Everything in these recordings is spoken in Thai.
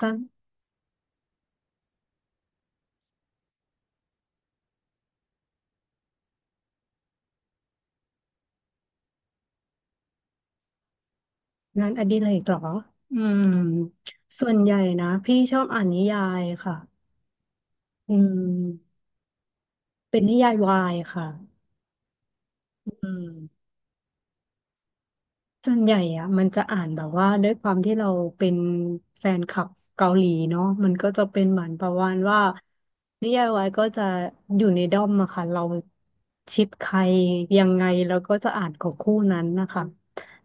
สร้างงานอดิเรกเหรออืมส่วนใหญ่นะพี่ชอบอ่านนิยายค่ะอืมเป็นนิยายวายค่ะอืม ส่วนใหญ่อะมันจะอ่านแบบว่าด้วยความที่เราเป็นแฟนคลับเกาหลีเนาะมันก็จะเป็นเหมือนประมาณว่านิยายวายก็จะอยู่ในด้อมอะค่ะเราชิปใครยังไงเราก็จะอ่านของคู่นั้นนะคะ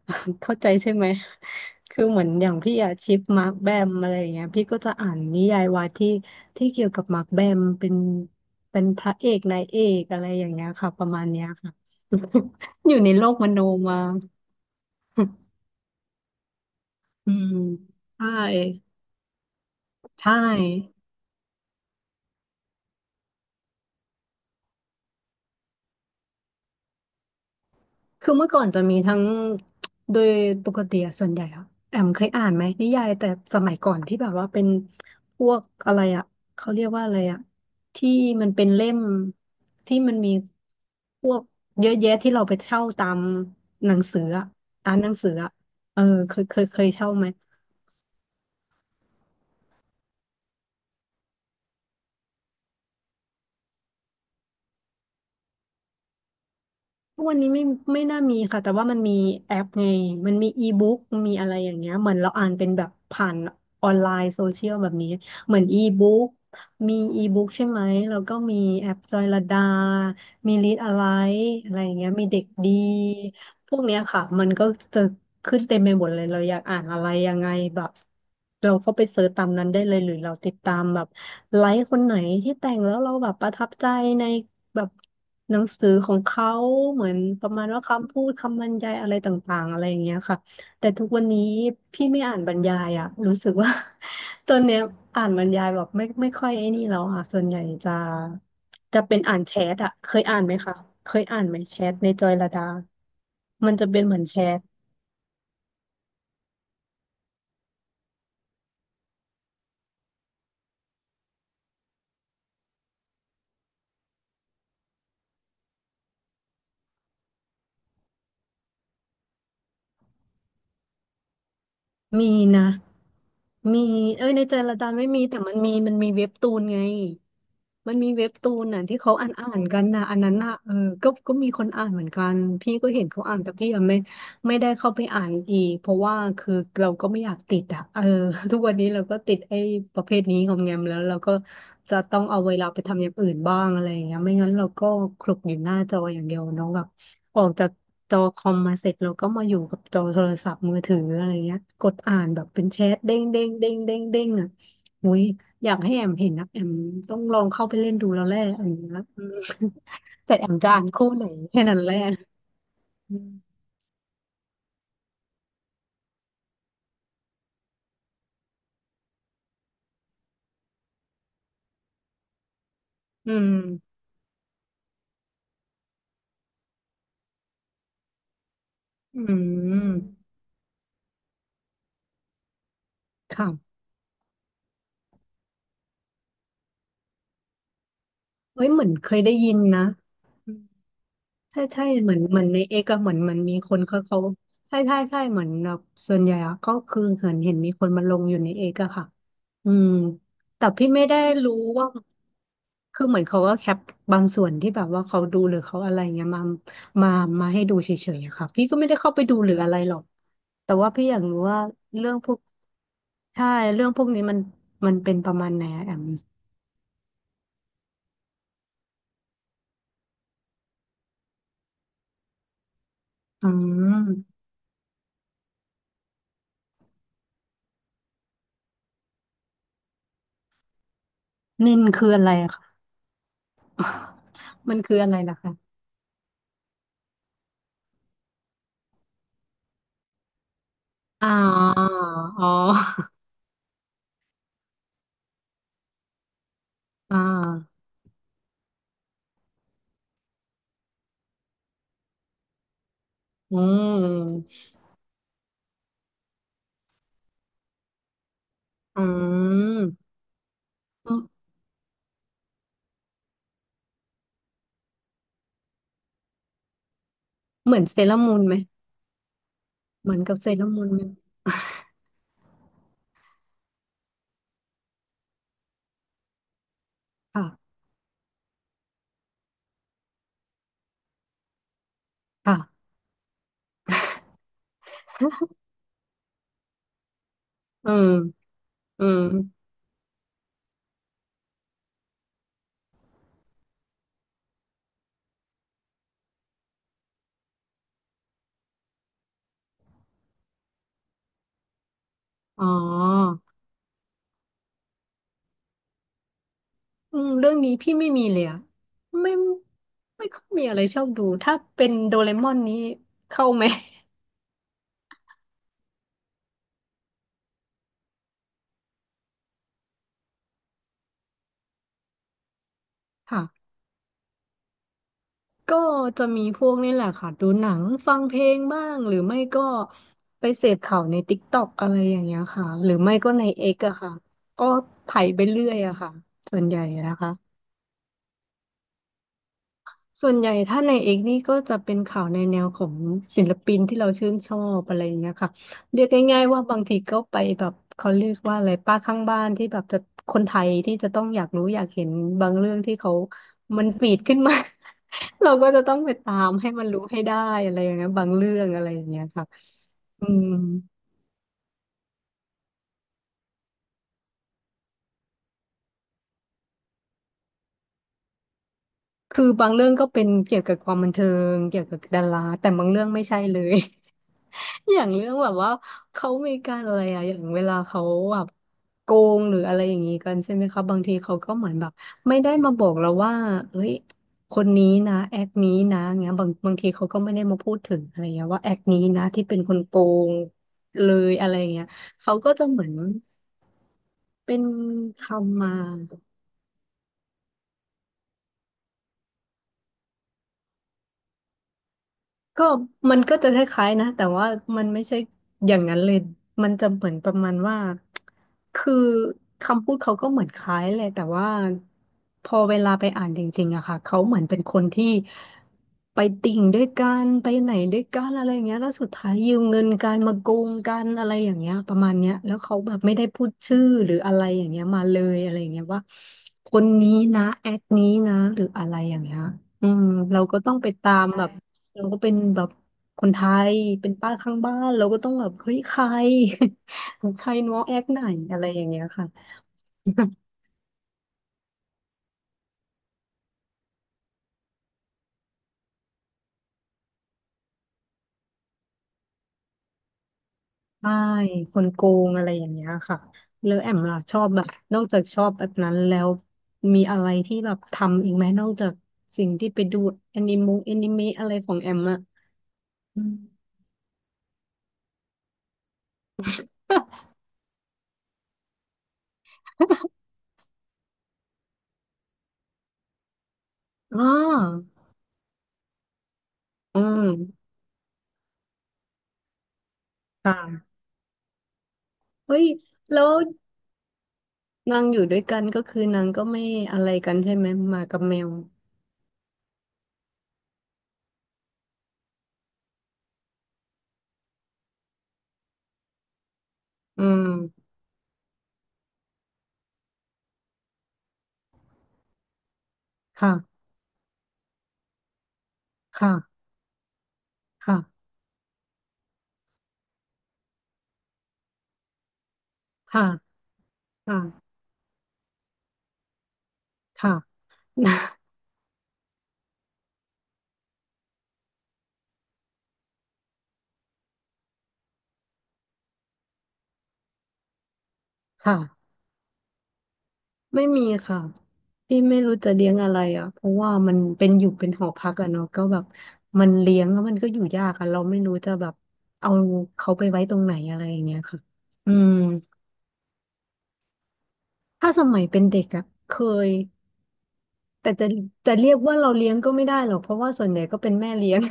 เข้าใจใช่ไหมคือเหมือนอย่างพี่อะชิปมาร์คแบมอะไรอย่างเงี้ยพี่ก็จะอ่านนิยายวายที่เกี่ยวกับมาร์คแบมเป็นเป็นพระเอกนายเอกอะไรอย่างเงี้ยค่ะประมาณเนี้ยค่ะ อยู่ในโลกมโนมา อืมใช่ใช่คือเมื่อก่อนจะมีทั้งโดยปกติอะส่วนใหญ่อะแอมเคยอ่านไหมนิยายแต่สมัยก่อนที่แบบว่าเป็นพวกอะไรอะเขาเรียกว่าอะไรอะที่มันเป็นเล่มที่มันมีพวกเยอะแยะที่เราไปเช่าตามหนังสืออะร้านหนังสืออะเออเคยเช่าไหม ทุกวันนี้ไม่น่ามีค่ะแต่ว่ามันมีแอปไงมันมีอีบุ๊กมีอะไรอย่างเงี้ยเหมือนเราอ่านเป็นแบบผ่านออนไลน์โซเชียลแบบนี้เหมือนอีบุ๊กมีอีบุ๊กใช่ไหมแล้วก็มีแอปจอยลดา มีรีดอะไรอะไรอย่างเงี้ยมีเด็กดี พวกเนี้ยค่ะมันก็จะขึ้นเต็มไปหมดเลยเราอยากอ่านอะไรยังไงแบบเราเข้าไปเสิร์ชตามนั้นได้เลยหรือเราติดตามแบบไลฟ์คนไหนที่แต่งแล้วเราแบบประทับใจในแบบหนังสือของเขาเหมือนประมาณว่าคำพูดคำบรรยายอะไรต่างๆอะไรอย่างเงี้ยค่ะแต่ทุกวันนี้พี่ไม่อ่านบรรยายอะรู้สึกว่า ตอนเนี้ยอ่านบรรยายแบบไม่ค่อยไอ้นี่แล้วอ่ะส่วนใหญ่จะ จะเป็นอ่านแชทอะเคยอ่านไหมคะ เคยอ่านไหมแชทในจอยลดา มันจะเป็นเหมือนแชท มีนะมีเอ้ยในใจละดานไม่มีแต่มันมีเว็บตูนไงมันมีเว็บตูนน่ะที่เขาอ่านกันนะอันนั้นน่ะเออก็มีคนอ่านเหมือนกันพี่ก็เห็นเขาอ่านแต่พี่ยังไม่ได้เข้าไปอ่านอีกเพราะว่าคือเราก็ไม่อยากติดอ่ะเออ ทุกวันนี้เราก็ติดไอ้ประเภทนี้งอมแงมแล้วเราก็จะต้องเอาเวลาไปทำอย่างอื่นบ้างอะไรอย่างเงี้ยไม่งั้นเราก็คลุกอยู่หน้าจออย่างเดียวเน้อง ออกจากจอคอมมาเสร็จเราก็มาอยู่กับจอโทรศัพท์มือถืออะไรเงี้ยกดอ่านแบบเป็นแชทเด้งเด้งเด้งเด้งเด้งอ่ะอุ้ยอยากให้แอมเห็นนะแอมต้องลองเข้าไปเล่นดูแล้วแหละอันเนี้ยอืม แต่แอมจะอ่านคู่ไหนแค่นั้นแหละอืมอืมอืมค่ะเอ้ยเหมือนเคยได้ยินนะ ใช่ใช่เหมือนเหมือนในเอกอะเหมือนเหมันมีคนเขาใช่ใช่ใช่เหมือนแบบส่วนใหญ่อะก็คือเห็นมีคนมาลงอยู่ในเอกอะค่ะอืมแต่พี่ไม่ได้รู้ว่าคือเหมือนเขาก็แคปบางส่วนที่แบบว่าเขาดูหรือเขาอะไรเงี้ยมามามาให้ดูเฉยๆอะค่ะพี่ก็ไม่ได้เข้าไปดูหรืออะไรหรอกแต่ว่าพี่อยากรู้ว่าเรื่องพวกใช่เรื่องพวกนี้มันเป็นประมาณไหนอะแอมอืมนินคืออะไรอะคะมันคืออะไรล่ะคะอ่าอ๋อ อ่าอืมอืมเหมือนเซเลอรามูนไหมเหมือนกับเซเลอรามูนไหมค่ะค่ะอืมอืมอ๋ออืมเรื่องนี้พี่ไม่มีเลยอะไม่ไม่ค่อยมีอะไรชอบดู ถ้าเป็นโดเรมอนนี้เข้าไหมค่ะก็จะมีพวกนี่แหละค่ะ ดูหนัง ฟังเพลงบ้าง หรือไม่ก็ไปเสพข่าวในติ๊กต็อกอะไรอย่างเงี้ยค่ะหรือไม่ก็ในเอ็กซ์อะค่ะ ก็ไถไปเรื่อยอะค่ะส่วนใหญ่นะคะ ส่วนใหญ่ถ้าในเอกนี่ก็จะเป็นข่าวในแนวของศิลปินที่เราชื่นชอบอะไรอย่างเงี้ยค่ะเรียกง่ายๆว่าบางทีก็ไปแบบเขาเรียกว่าอะไรป้าข้างบ้านที่แบบจะคนไทยที่จะต้องอยากรู้อยากเห็นบางเรื่องที่เขามันฟีดขึ้นมา เราก็จะต้องไปตามให้มันรู้ให้ได้อะไรอย่างเงี้ยบางเรื่องอะไรอย่างเงี้ยค่ะอืมคือบางเรื่องก็เป็นเกี่ยวกับความบันเทิงเกี่ยวกับดาราแต่บางเรื่องไม่ใช่เลย อย่างเรื่องแบบว่าเขามีการอะไรอย่างเวลาเขาแบบโกงหรืออะไรอย่างนี้กันใช่ไหมคะบางทีเขาก็เหมือนแบบไม่ได้มาบอกเราว่าเฮ้ยคนนี้นะแอคนี้นะเงี้ยบางทีเขาก็ไม่ได้มาพูดถึงอะไรเงี้ยว่าแอคนี้นะที่เป็นคนโกงเลยอะไรเงี้ยเขาก็จะเหมือนเป็นคำมา ก็มันก็จะคล้ายๆนะแต่ว่ามันไม่ใช่อย่างนั้นเลยมันจะเหมือนประมาณว่าคือคำพูดเขาก็เหมือนคล้ายแหละแต่ว่าพอเวลาไปอ่านจริงๆอะค่ะเขาเหมือนเป็นคนที่ไปติ่งด้วยกันไปไหนด้วยกันอะไรอย่างเงี้ยแล้วสุดท้ายยืมเงินกันมาโกงกันอะไรอย่างเงี้ยประมาณเนี้ยแล้วเขาแบบไม่ได้พูดชื่อหรืออะไรอย่างเงี้ยมาเลยอะไรอย่างเงี้ยว่าคนนี้นะแอคนี้นะหรืออะไรอย่างเงี้ยอืมเราก็ต้องไปตามแบบ เราก็เป็นแบบคนไทยเป็นป้าข้างบ้านเราก็ต้องแบบเฮ้ยใคร ใครน้องแอคไหนอะไรอย่างเงี้ยค่ะ ใช่คนโกงอะไรอย่างเงี้ยค่ะแล้วแอมล่ะชอบแบบนอกจากชอบแบบนั้นแล้วมีอะไรที่แบบทำอีกไหมนอกจากสิ่งที่ไปดูแอนิมงแอนิเมะอะไรของแอมอะอืม อ๋ออืมค่ะเฮ้ยแล้วนางอยู่ด้วยกันก็คือนางก็ไม่อะไรกันใช่ไหมหมากับแมวอืมค่ะ ค่ะค่ะค่ะค่ะค่ะ นะค่ะไม่มีค่ะ ที่ไม่รู้จะเลี้ยงอะไรอ่ะ เพราะว่ามันเป็นอยู่เป็นหอพักอะเนาะก็แบบมันเลี้ยงแล้วมันก็อยู่ยากอะเราไม่รู้จะแบบเอาเขาไปไว้ตรงไหนอะไรอย่างเงี้ยค่ะอืมถ้าสมัยเป็นเด็กอะเคยแต่จะเรียกว่าเราเลี้ยงก็ไม่ได้หรอกเพราะว่าส่วนใหญ่ก็เป็นแม่เลี้ยง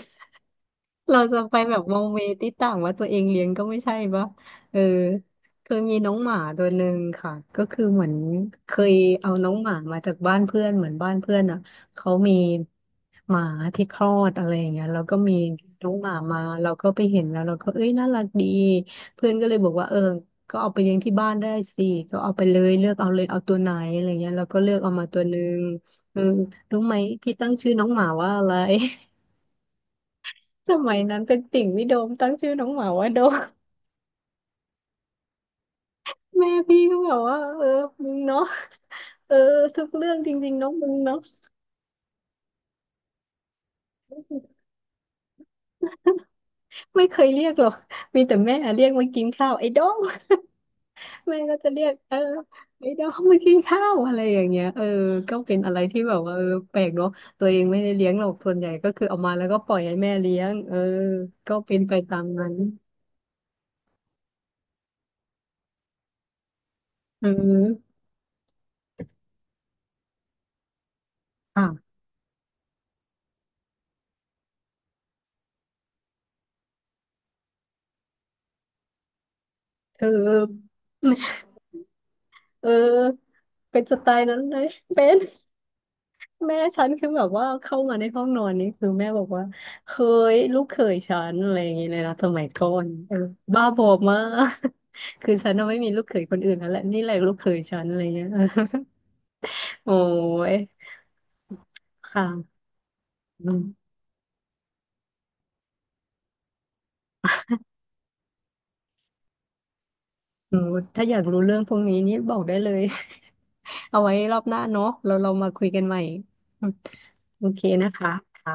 เราจะไปแบบมองเมติดต่างว่าตัวเองเลี้ยงก็ไม่ใช่ปะเออเคยมีน้องหมาตัวหนึ่งค่ะก็คือเหมือนเคยเอาน้องหมามาจากบ้านเพื่อนเหมือนบ้านเพื่อนอ่ะเขามีหมาที่คลอดอะไรอย่างเงี้ยแล้วก็มีน้องหมามาเราก็ไปเห็นแล้วเราก็เอ้ยน่ารักดีเพื่อนก็เลยบอกว่าเออก็เอาไปเลี้ยงที่บ้านได้สิก็เอาไปเลยเลือกเอาเลยเอาตัวไหนอะไรเงี้ยเราก็เลือกเอามาตัวหนึ่งเออรู้ไหมพี่ตั้งชื่อน้องหมาว่าอะไร สมัยนั้นเป็นติ่งพี่โดมตั้งชื่อน้องหมาว่าโดม แม่พี่ก็แบบว่าเออมึงเนาะเออทุกเรื่องจริงๆน้องมึงเนาะไม่เคยเรียกหรอกมีแต่แม่เรียกมากินข้าวไอ้โดมแม่ก็จะเรียกเออไอ้โดมมากินข้าวอะไรอย่างเงี้ยเออก็เป็นอะไรที่แบบว่าเออแปลกเนาะตัวเองไม่ได้เลี้ยงหรอกส่วนใหญ่ก็คือเอามาแล้วก็ปล่อยให้แม่เลี้ยงเออก็เป็นไปตามนั้นเืมอ่ะเธอเออเป็นสไตล์นั้นเลยเป็น แม่ฉันคือแบบว่าเข้ามาในห้องนอนนี่คือแม่บอกว่าเฮ้ยลูกเขยฉันอะไรอย่างเงี้ยเลยนะสมัยก่อนเออบ้าบอมาก คือฉันน่ะไม่มีลูกเขยคนอื่นแล้วแหละนี่แหละลูกเขยฉันอะไรเงี้ย โอ้ยค่ะอืมอืมถ้าอยากรู้เรื่องพวกนี้นี่บอกได้เลย เอาไว้รอบหน้าเนาะเรามาคุยกันใหม่โอเคนะคะค่ะ